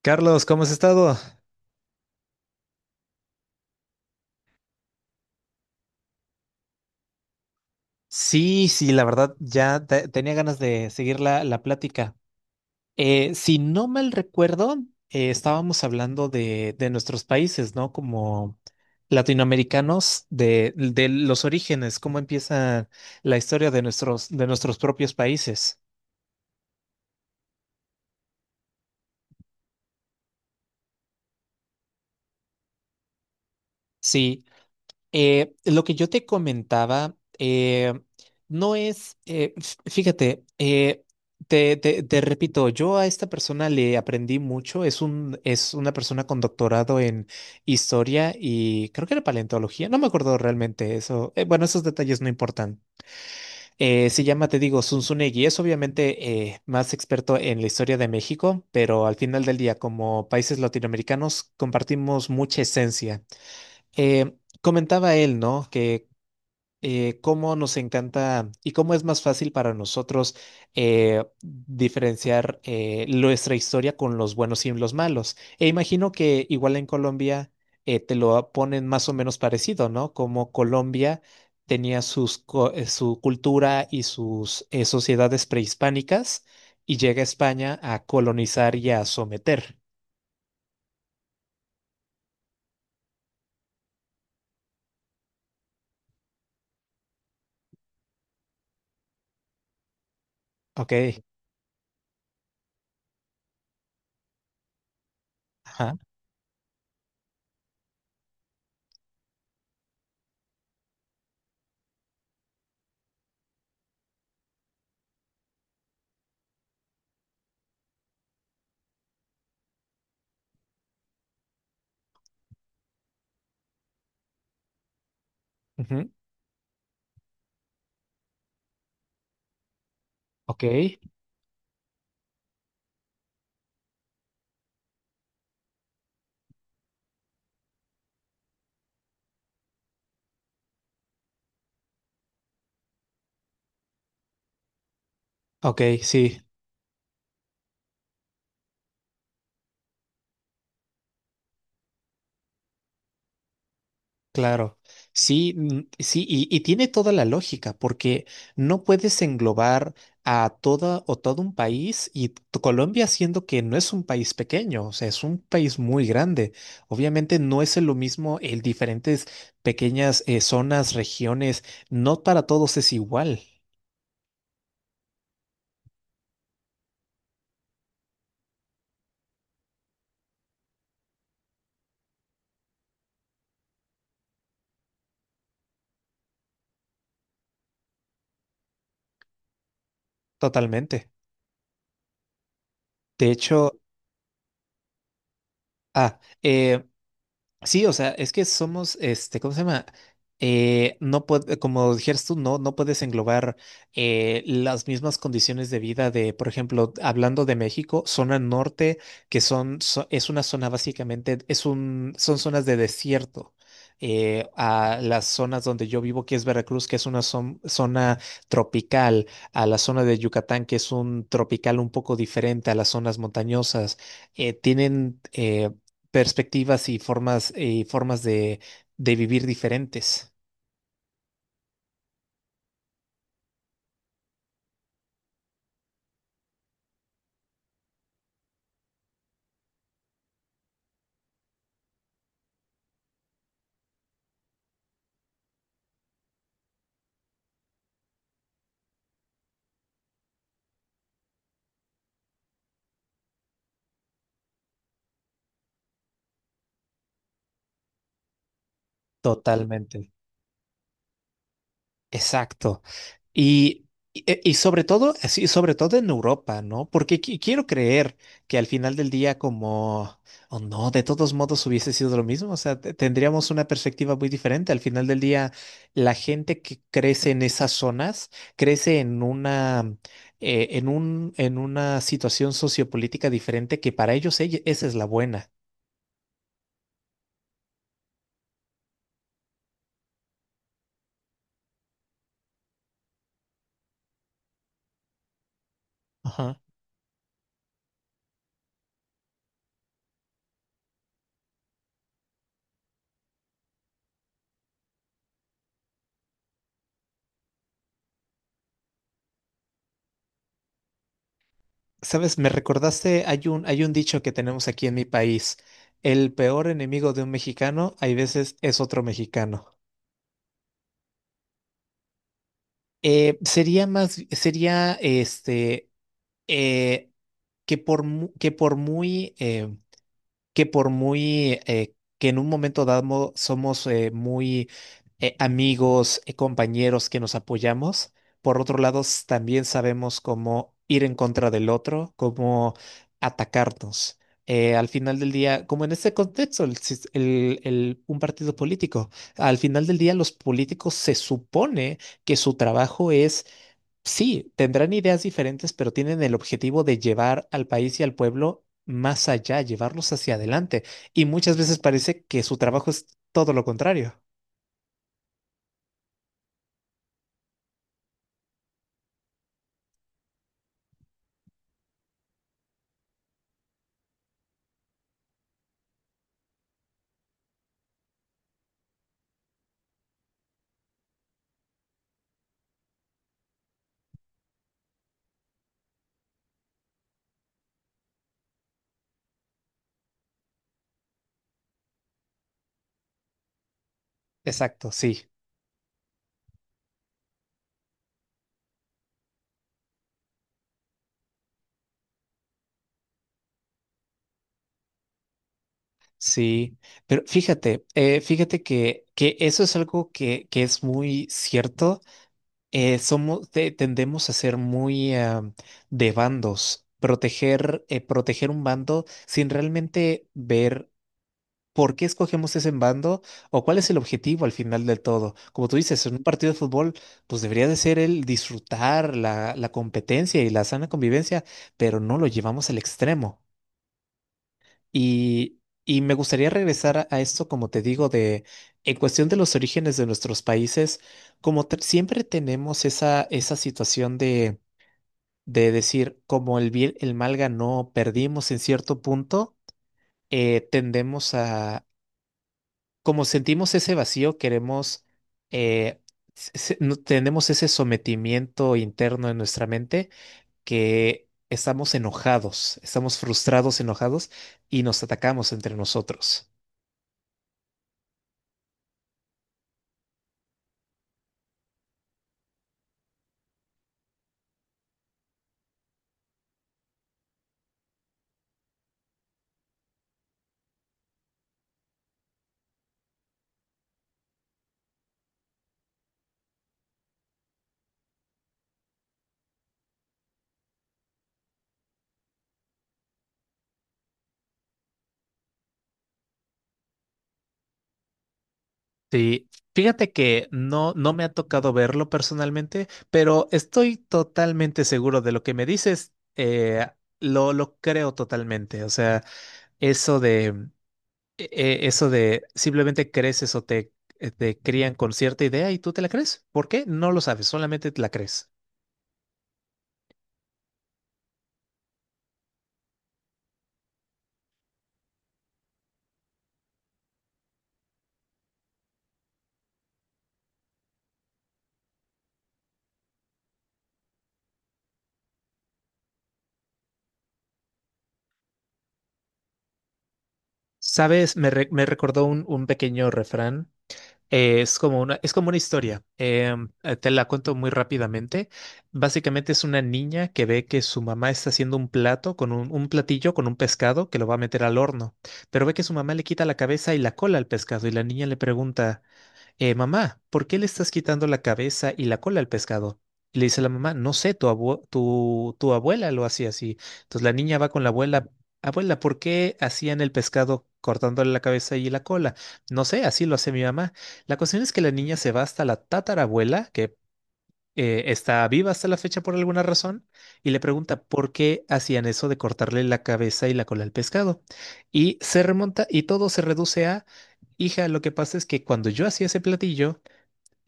Carlos, ¿cómo has estado? Sí, sí, la verdad, tenía ganas de seguir la plática. Si no mal recuerdo, estábamos hablando de nuestros países, ¿no? Como latinoamericanos, de los orígenes, cómo empieza la historia de nuestros propios países. Sí. Lo que yo te comentaba, no es, fíjate, te repito, yo a esta persona le aprendí mucho, es una persona con doctorado en historia y creo que era paleontología, no me acuerdo realmente eso. Bueno, Esos detalles no importan. Se llama, te digo, Zunzunegui, es obviamente más experto en la historia de México, pero al final del día, como países latinoamericanos, compartimos mucha esencia. Eh, Comentaba él, ¿no? Que cómo nos encanta y cómo es más fácil para nosotros diferenciar nuestra historia con los buenos y los malos. E imagino que igual en Colombia te lo ponen más o menos parecido, ¿no? Como Colombia tenía su cultura y sus sociedades prehispánicas y llega a España a colonizar y a someter. Ok. Ajá. Ujú. Ok. Ok, sí. Claro, sí, mm, sí, y tiene toda la lógica, porque no puedes englobar a toda o todo un país y Colombia, siendo que no es un país pequeño, o sea, es un país muy grande. Obviamente no es lo mismo el diferentes pequeñas zonas, regiones, no para todos es igual, totalmente. De hecho, ah, eh, sí, o sea, es que somos, este, ¿cómo se llama? No puede, como dijeras tú, no, no puedes englobar las mismas condiciones de vida de, por ejemplo, hablando de México, zona norte, es una zona básicamente, son zonas de desierto. A las zonas donde yo vivo, que es Veracruz, que es una zona tropical, a la zona de Yucatán, que es un tropical un poco diferente a las zonas montañosas, tienen perspectivas y formas de vivir diferentes. Totalmente. Exacto. Y sobre todo, sí, sobre todo en Europa, ¿no? Porque quiero creer que al final del día, como, o no, de todos modos hubiese sido lo mismo. O sea, tendríamos una perspectiva muy diferente. Al final del día, la gente que crece en esas zonas crece en una situación sociopolítica diferente que para ellos esa es la buena. Ajá. Sabes, me recordaste, hay un dicho que tenemos aquí en mi país. El peor enemigo de un mexicano, hay veces, es otro mexicano. Sería este, eh, que por, mu- que por muy, eh, que por muy que en un momento dado somos muy amigos, compañeros que nos apoyamos, por otro lado también sabemos cómo ir en contra del otro, cómo atacarnos. Al final del día, como en este contexto, el sis- el- un partido político, al final del día los políticos se supone que su trabajo es. Sí, tendrán ideas diferentes, pero tienen el objetivo de llevar al país y al pueblo más allá, llevarlos hacia adelante. Y muchas veces parece que su trabajo es todo lo contrario. Exacto, sí, sí. Pero fíjate, fíjate que eso es algo que es muy cierto. Somos, tendemos a ser muy de bandos, proteger, proteger un bando sin realmente ver. ¿Por qué escogemos ese bando? ¿O cuál es el objetivo al final del todo? Como tú dices, en un partido de fútbol, pues debería de ser el disfrutar la competencia y la sana convivencia, pero no lo llevamos al extremo. Y, y me gustaría regresar a esto, como te digo, de en cuestión de los orígenes de nuestros países, como siempre tenemos esa situación de decir, como el bien, el mal ganó, perdimos en cierto punto. Tendemos, como sentimos ese vacío, queremos, eh, tenemos ese sometimiento interno en nuestra mente, que estamos enojados, estamos frustrados, enojados y nos atacamos entre nosotros. Sí, fíjate que no, no me ha tocado verlo personalmente, pero estoy totalmente seguro de lo que me dices. Lo creo totalmente. O sea, eso de Eso de simplemente creces o te crían con cierta idea y tú te la crees. ¿Por qué? No lo sabes, solamente te la crees. Sabes, me recordó un pequeño refrán. Es como una, es como una historia. Te la cuento muy rápidamente. Básicamente es una niña que ve que su mamá está haciendo un plato con un platillo con un pescado que lo va a meter al horno, pero ve que su mamá le quita la cabeza y la cola al pescado y la niña le pregunta. Mamá, ¿por qué le estás quitando la cabeza y la cola al pescado? Y le dice la mamá, no sé, tu abuela lo hacía así. Entonces la niña va con la abuela. Abuela, ¿por qué hacían el pescado cortándole la cabeza y la cola? No sé, así lo hace mi mamá. La cuestión es que la niña se va hasta la tatarabuela, que está viva hasta la fecha por alguna razón, y le pregunta por qué hacían eso de cortarle la cabeza y la cola al pescado. Y se remonta y todo se reduce a... Hija, lo que pasa es que cuando yo hacía ese platillo,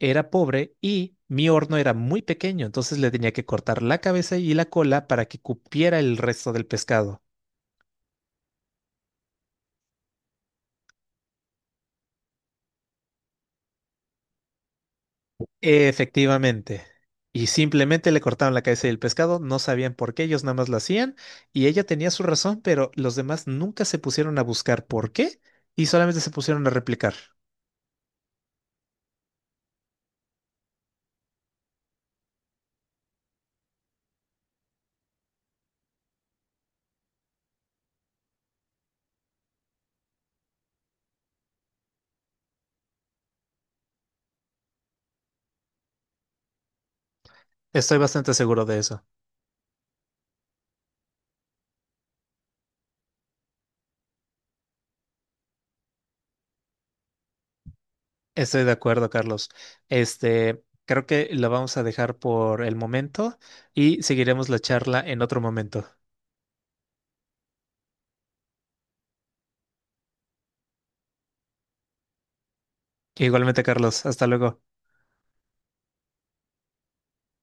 era pobre y mi horno era muy pequeño, entonces le tenía que cortar la cabeza y la cola para que cupiera el resto del pescado. Efectivamente. Y simplemente le cortaron la cabeza y el pescado, no sabían por qué, ellos nada más lo hacían y ella tenía su razón, pero los demás nunca se pusieron a buscar por qué y solamente se pusieron a replicar. Estoy bastante seguro de eso. Estoy de acuerdo, Carlos. Este, creo que lo vamos a dejar por el momento y seguiremos la charla en otro momento. Igualmente, Carlos, hasta luego.